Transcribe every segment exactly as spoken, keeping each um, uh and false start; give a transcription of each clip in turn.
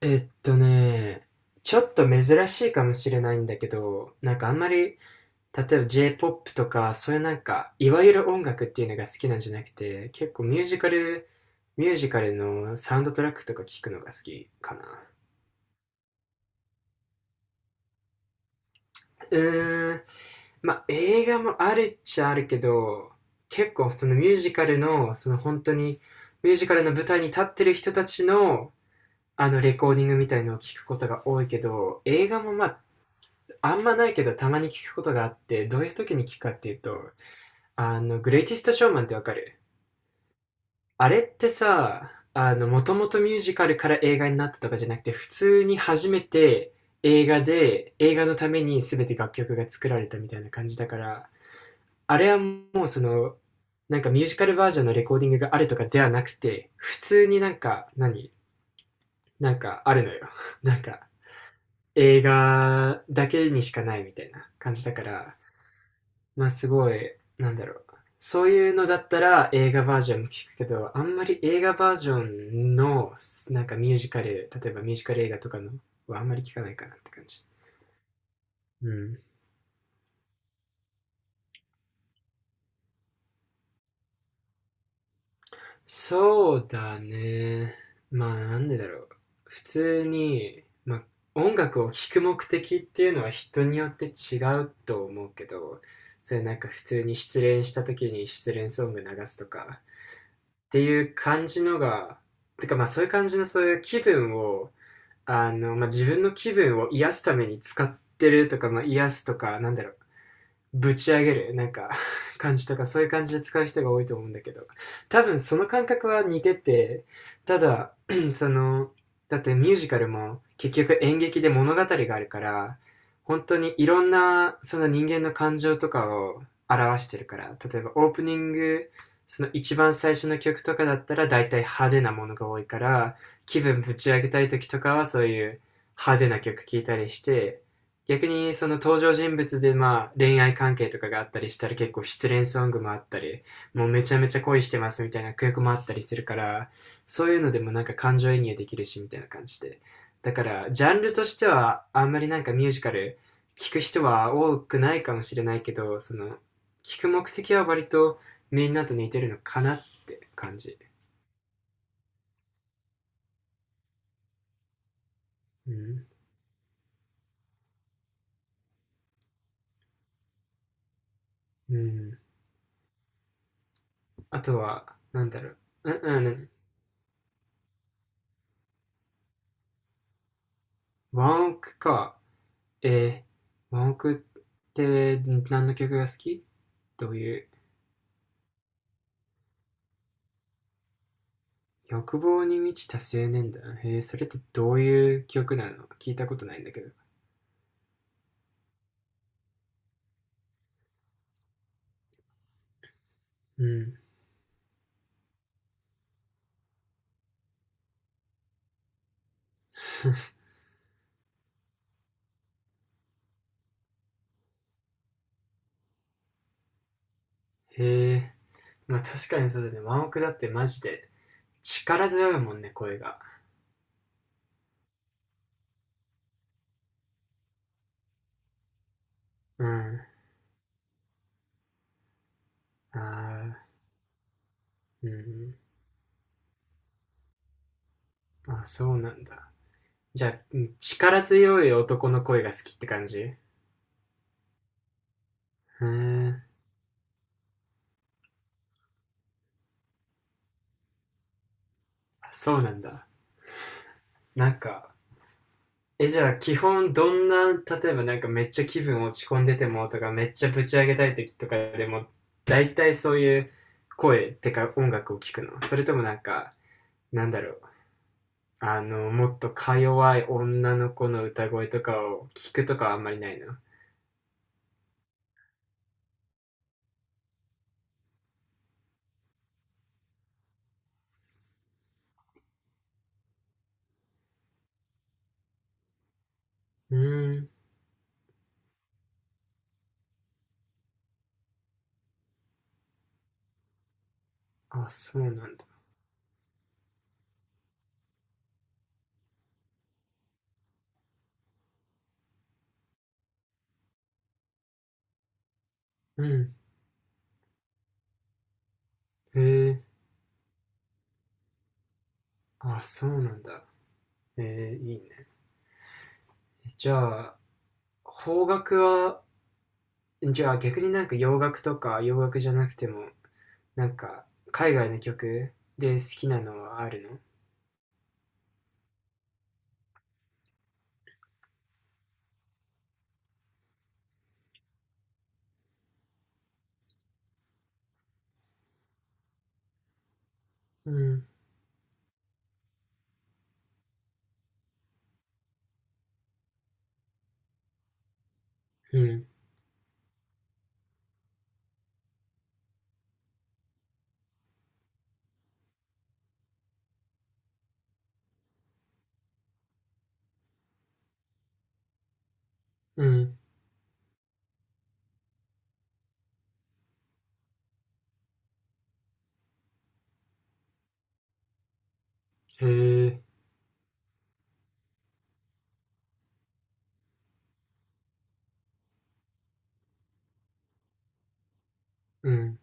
えっとね、ちょっと珍しいかもしれないんだけど、なんかあんまり、例えば J-ジェイポップ とか、そういうなんか、いわゆる音楽っていうのが好きなんじゃなくて、結構ミュージカル、ミュージカルのサウンドトラックとか聞くのが好きかな。うーん、まあ映画もあるっちゃあるけど、結構そのミュージカルの、その本当に、ミュージカルの舞台に立ってる人たちの、あのレコーディングみたいのを聞くことが多いけど、映画もまああんまないけどたまに聞くことがあって、どういう時に聞くかっていうと、あの、グレイティストショーマンってわかる？あれってさ、あの、もともとミュージカルから映画になったとかじゃなくて、普通に初めて映画で、映画のために全て楽曲が作られたみたいな感じだから、あれはもうその、なんかミュージカルバージョンのレコーディングがあるとかではなくて、普通になんか、何なんかあるのよ なんか、映画だけにしかないみたいな感じだから、まあすごい、なんだろう。そういうのだったら映画バージョンも聞くけど、あんまり映画バージョンのなんかミュージカル、例えばミュージカル映画とかのはあんまり聞かないかなって感じ。うん。そうだね。まあなんでだろう。普通に、まあ音楽を聴く目的っていうのは人によって違うと思うけど、それなんか普通に失恋した時に失恋ソング流すとか、っていう感じのが、てかまあそういう感じのそういう気分を、あの、まあ自分の気分を癒すために使ってるとか、まあ癒すとか、なんだろう、ぶち上げるなんか 感じとかそういう感じで使う人が多いと思うんだけど、多分その感覚は似てて、ただ そのだってミュージカルも結局演劇で物語があるから、本当にいろんなその人間の感情とかを表してるから、例えばオープニング、その一番最初の曲とかだったら大体派手なものが多いから、気分ぶち上げたい時とかはそういう派手な曲聴いたりして、逆にその登場人物でまあ恋愛関係とかがあったりしたら結構失恋ソングもあったり、もうめちゃめちゃ恋してますみたいな曲もあったりするから、そういうのでもなんか感情移入できるしみたいな感じで。だからジャンルとしてはあんまりなんかミュージカル聞く人は多くないかもしれないけど、その聞く目的は割とみんなと似てるのかなって感じ。うん。うん。あとは、なんだろう。うんうん。ワンオクか。えー、文句って何の曲が好き？どういう欲望に満ちた青年だ。えー、それってどういう曲なの？聞いたことないんだけど。うん。へえー、まあ確かにそうだね。ワンオクだってマジで力強いもんね、声が。うん。あー、うん。あ、そうなんだ。じゃあ、力強い男の声が好きって感じ？うーん。あ、そうなんだ。なんか、え、じゃあ、基本、どんな、例えばなんかめっちゃ気分落ち込んでてもとか、めっちゃぶち上げたい時とかでも、大体そういう声ってか音楽を聞くの？それともなんか、なんだろう。あの、もっとか弱い女の子の歌声とかを聞くとかはあんまりないの？うーん。あ、そうなんだ。うん。へえ。あ、そうなんだ。えー、いいね。じゃあ、邦楽は、じゃあ逆になんか洋楽とか洋楽じゃなくても、なんか、海外の曲で好きなのはあるの？うん、うん、うん、へえ、うん、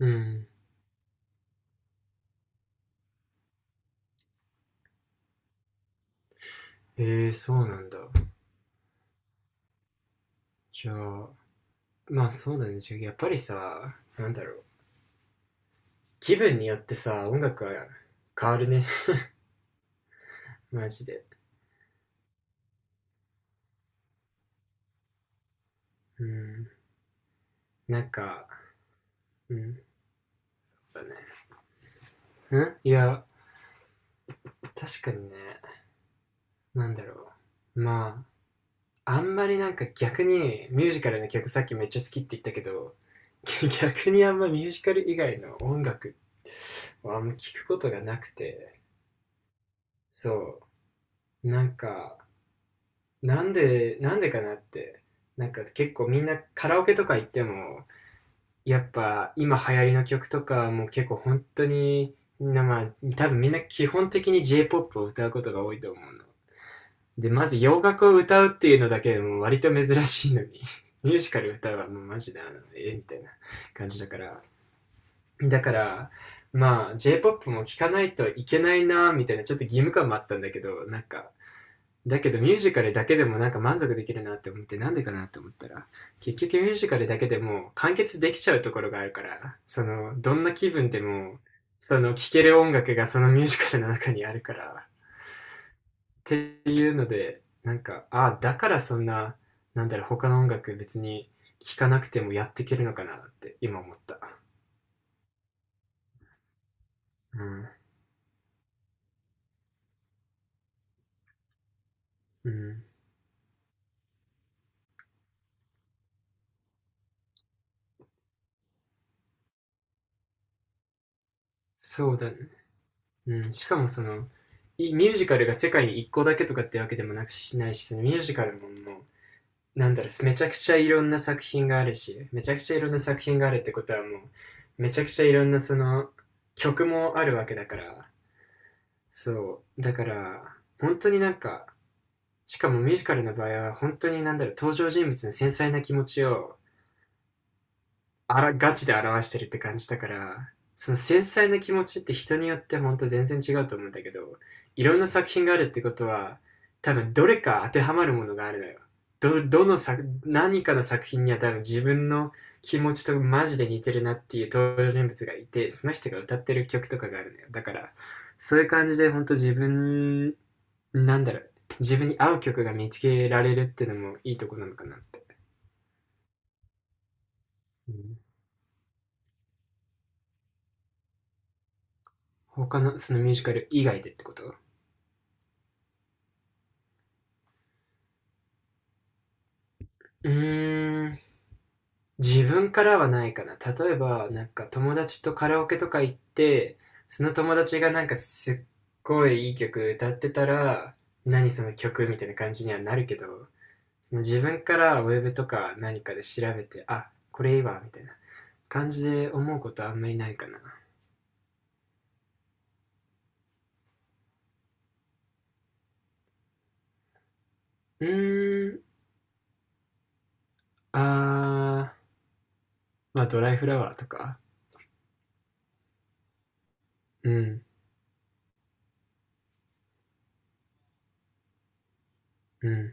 うん、へえ、そうなんだ。じゃあ、まあそうだね。じゃあやっぱりさ、なんだろう。気分によってさ、音楽は変わるね マジで。うん、なんか、うん、そうだね。うんいや、確かにね、なんだろう。まあ、あんまりなんか逆にミュージカルの曲さっきめっちゃ好きって言ったけど、逆にあんまミュージカル以外の音楽をあんま聞くことがなくて、そう、なんか、なんで、なんでかなって、なんか結構みんなカラオケとか行っても、やっぱ今流行りの曲とかも結構本当に、みんなまあ、多分みんな基本的に J-ジェイポップ を歌うことが多いと思うの。で、まず洋楽を歌うっていうのだけでも割と珍しいのに、ミュージカル歌うはもうマジであの、えみたいな感じだから、だから、まあ、J-ジェイポップ も聴かないといけないな、みたいな、ちょっと義務感もあったんだけど、なんか、だけどミュージカルだけでもなんか満足できるなって思って、なんでかなって思ったら、結局ミュージカルだけでも完結できちゃうところがあるから、その、どんな気分でも、その、聴ける音楽がそのミュージカルの中にあるから、っていうので、なんか、ああ、だからそんな、なんだろう、他の音楽別に聴かなくてもやっていけるのかなって今思った。うん。うん。そうだね。うん、しかもその、いミュージカルが世界に一個だけとかってわけでもなくしないし、そのミュージカルももう、なんだろう、めちゃくちゃいろんな作品があるし、めちゃくちゃいろんな作品があるってことはもう、めちゃくちゃいろんなその、曲もあるわけだから、そう、だから、本当になんか、しかもミュージカルの場合は、本当になんだろう、登場人物の繊細な気持ちをあら、ガチで表してるって感じだから、その繊細な気持ちって人によって本当全然違うと思うんだけど、いろんな作品があるってことは、多分どれか当てはまるものがあるのよ。ど、どの作、何かの作品には多分自分の気持ちとマジで似てるなっていう登場人物がいて、その人が歌ってる曲とかがあるのよ。だから、そういう感じで本当自分、なんだろう、自分に合う曲が見つけられるってのもいいとこなのかなって。うん、他のそのミュージカル以外でってこと？うーん、自分からはないかな。例えば、なんか友達とカラオケとか行って、その友達がなんかすっごいいい曲歌ってたら、何その曲？みたいな感じにはなるけど、その自分からウェブとか何かで調べて、あ、これいいわ、みたいな感じで思うことはあんまりないかな。うーん、あー、まあドライフラワーとか。うん、うん。